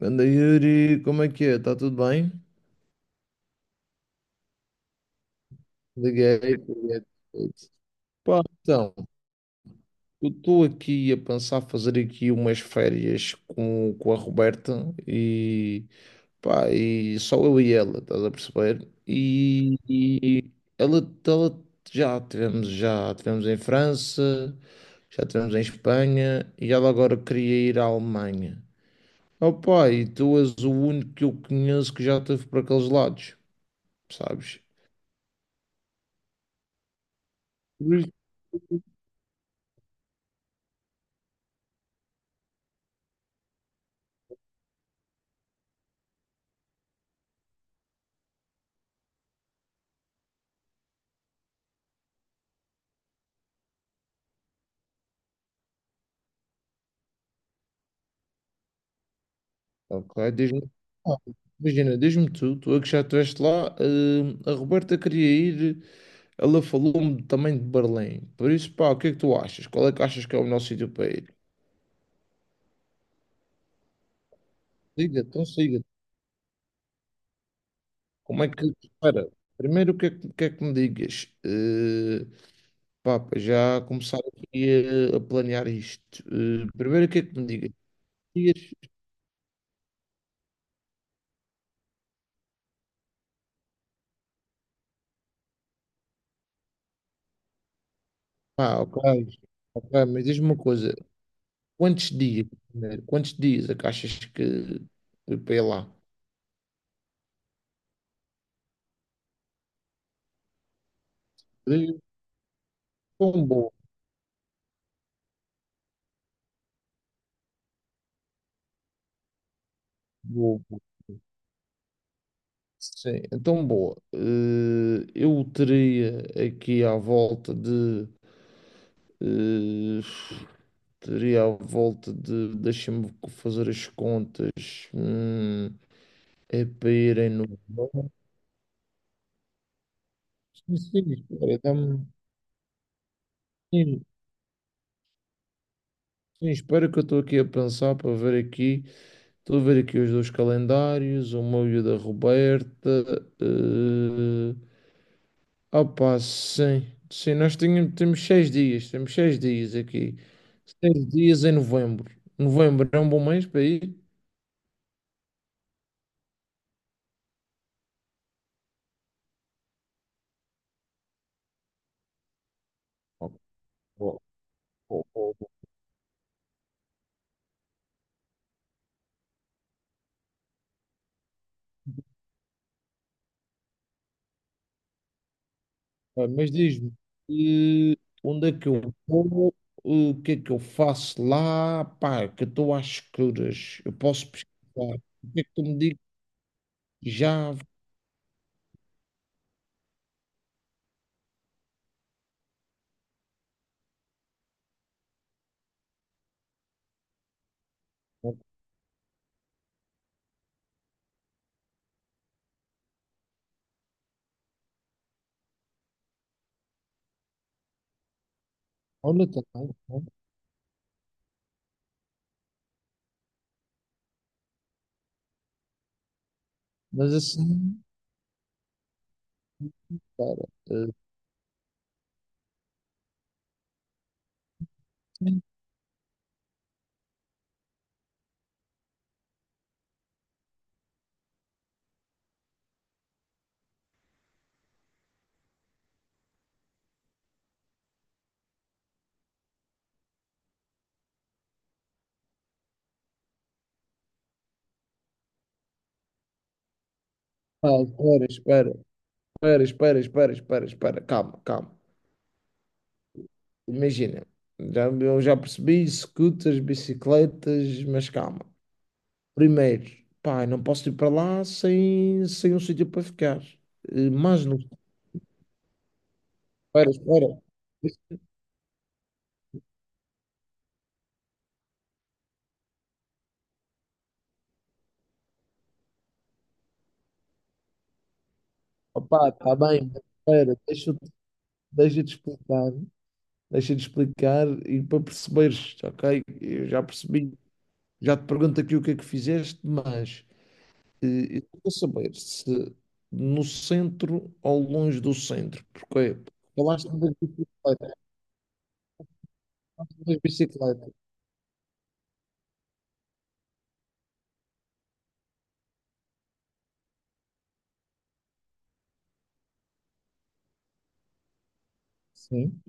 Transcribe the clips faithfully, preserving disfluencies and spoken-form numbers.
Anda, Yuri, como é que é? Está tudo bem? Liguei. liguei. Pá, então, eu estou aqui a pensar fazer aqui umas férias com, com a Roberta e, pá, e só eu e ela, estás a perceber? E, e ela, ela já tivemos, já tivemos em França, já tivemos em Espanha e ela agora queria ir à Alemanha. Opa, e tu és o único que eu conheço que já esteve por aqueles lados, sabes? Ok, diz-me. Ah, imagina, diz-me tu, tu é que já estiveste lá, hum, a Roberta queria ir, ela falou-me também de Berlim. Por isso, pá, o que é que tu achas? Qual é que achas que é o melhor sítio para ir? Liga, então siga. Como é que. Espera, primeiro o que é que, o que é que me digas? Eh, pá, para já começar aqui a, a planear isto. Eh, primeiro o que é que me digas? Dias? Ah, ok. Ok, mas diz-me uma coisa, quantos dias? Primeiro? Quantos dias é que achas que. que para ir lá. É tão bom, boa. Sim, é tão boa. Eh, eu teria aqui à volta de. eh, Teria à volta de. Deixa-me fazer as contas. Hum, é para irem no. Sim, sim, espera, dá-me- sim, sim, espera que eu estou aqui a pensar para ver aqui. Estou a ver aqui os dois calendários, o meu e o da Roberta. Eh, Opa, sim. Sim, nós tínhamos, temos seis dias, temos seis dias aqui. Seis dias em novembro. Novembro é um bom mês para ir. Ó, ó, ó, ó. Ah, mas diz-me, eh, onde é que eu vou? Eh, O que é que eu faço lá? Pá, que eu estou às escuras. Eu posso pesquisar. O que é que tu me dizes? Já. Olha, tá bom, tá bom. Mas assim, espera. Eh, sim. Ah, espera, espera, espera, espera, espera, espera, espera. Calma, calma. Imagina, já, eu já percebi, scooters, bicicletas, mas calma. Primeiro, pá, não posso ir para lá sem, sem um sítio para ficar. Eh, Mas não, espera, espera. Opá, está bem, mas espera, deixa-te deixa-te explicar. Deixa-te explicar e para perceberes, ok? Eu já percebi, já te pergunto aqui o que é que fizeste, mas eh, eu quero saber se no centro ou longe do centro, porque falaste de bicicleta. de bicicleta. Sim.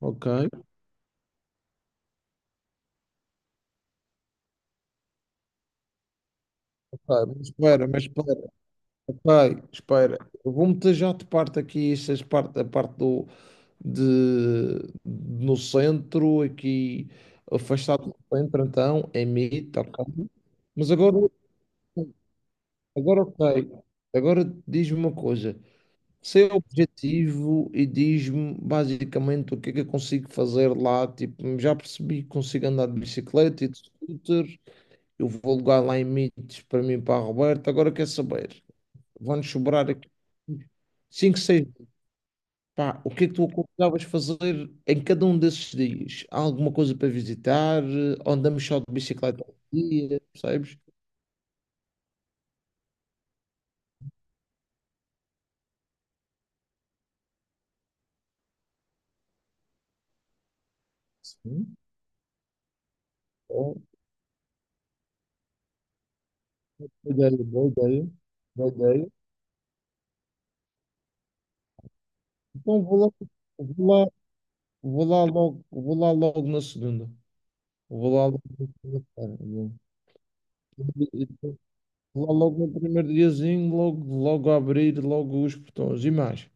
Ok. Ok, mas espera, mas espera, ok, espera. Eu vou-me já de parte aqui, essas parte, a parte do, de, no centro, aqui, afastado do centro, então, é mito, ok. Mas agora, agora ok, agora diz-me uma coisa, seu objetivo e diz-me basicamente o que é que eu consigo fazer lá, tipo, já percebi que consigo andar de bicicleta e de scooter. Eu vou alugar lá em Mites para mim, para a Roberta. Agora quer saber? Vão-nos sobrar aqui cinco seis. Pá, o que é que tu aconselhavas fazer em cada um desses dias? Há alguma coisa para visitar? Ou andamos só de bicicleta ao dia, percebes? Sim. Ó, boa ideia, boa ideia, boa ideia. Então vou lá, vou lá, vou lá logo, vou lá logo na segunda. Vou lá logo na segunda-feira. Lá logo no primeiro diazinho, logo, logo a abrir, logo os portões e mais.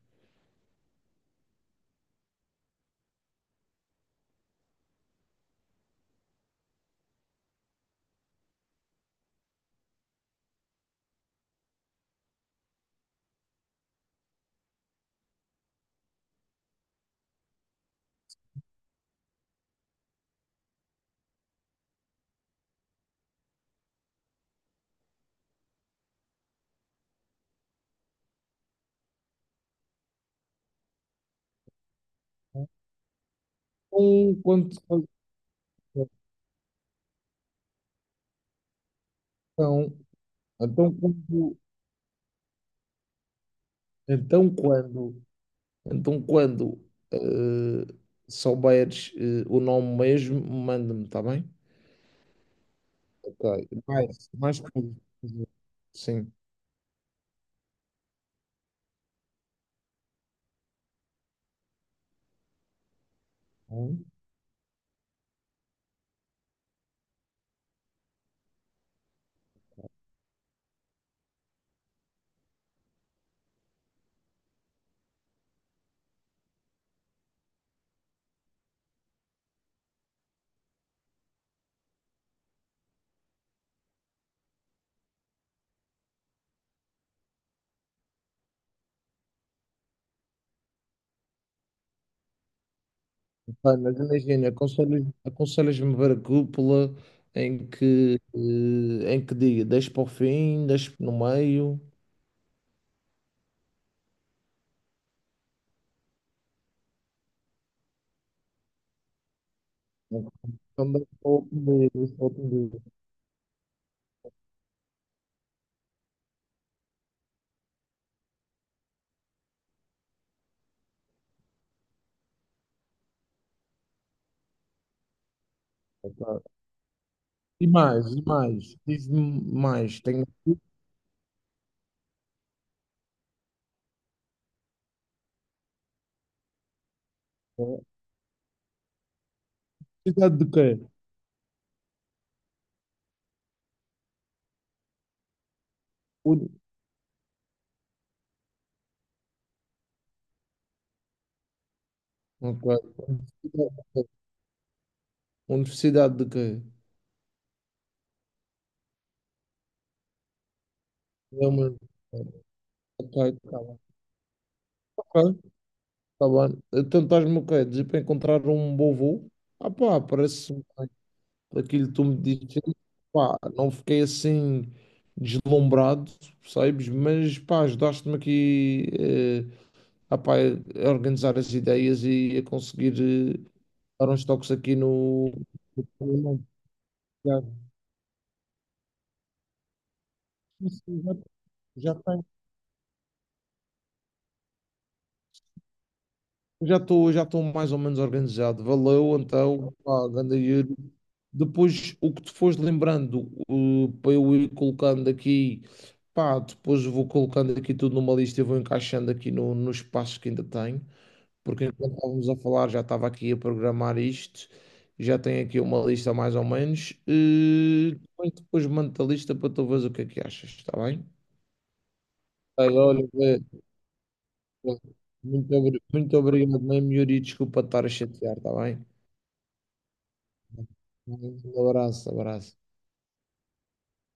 Então, quando, então, então quando, então quando, então quando eh, souberes eh, o nome mesmo, manda-me, está bem? Ok. Mais, mais coisas. Sim. Hum. Pá, mas imagina, aconselhas- aconselhas-me ver a cúpula em que, eh, em que diga, deixa para o fim, deixa no meio. Também sou o primeiro, sou o primeiro. Tá. Tá. E mais, e mais. Diz-me mais. Tenho. Universidade de quê? Uni- Ok. Universidade de quê? É uma... Ok, tá bem. Ok, tá bem. Então estás-me o quê? Dizer para encontrar um bom voo? Ah pá, parece um, aquilo que tu me disseste. Pá, não fiquei assim deslumbrado, percebes? Mas pá, ajudaste-me aqui eh, ah pá, a organizar as ideias e a conseguir eh, dar uns toques aqui no. Já já tenho- já estou já estou mais ou menos organizado. Valeu, então, pá, ganda Yuri. Depois, o que te fores lembrando, eh, para eu ir colocando aqui, pá, depois vou colocando aqui tudo numa lista e vou encaixando aqui no, nos espaços que ainda tenho. Porque enquanto estávamos a falar, já estava aqui a programar isto, já tenho aqui uma lista mais ou menos, e depois, depois mando a lista para tu veres o que é que achas, está bem? Olha, olha, vê, vê. Muito, obri- muito obrigado mesmo, Yuri, desculpa estar a chatear, está bem? Um abraço, abraço.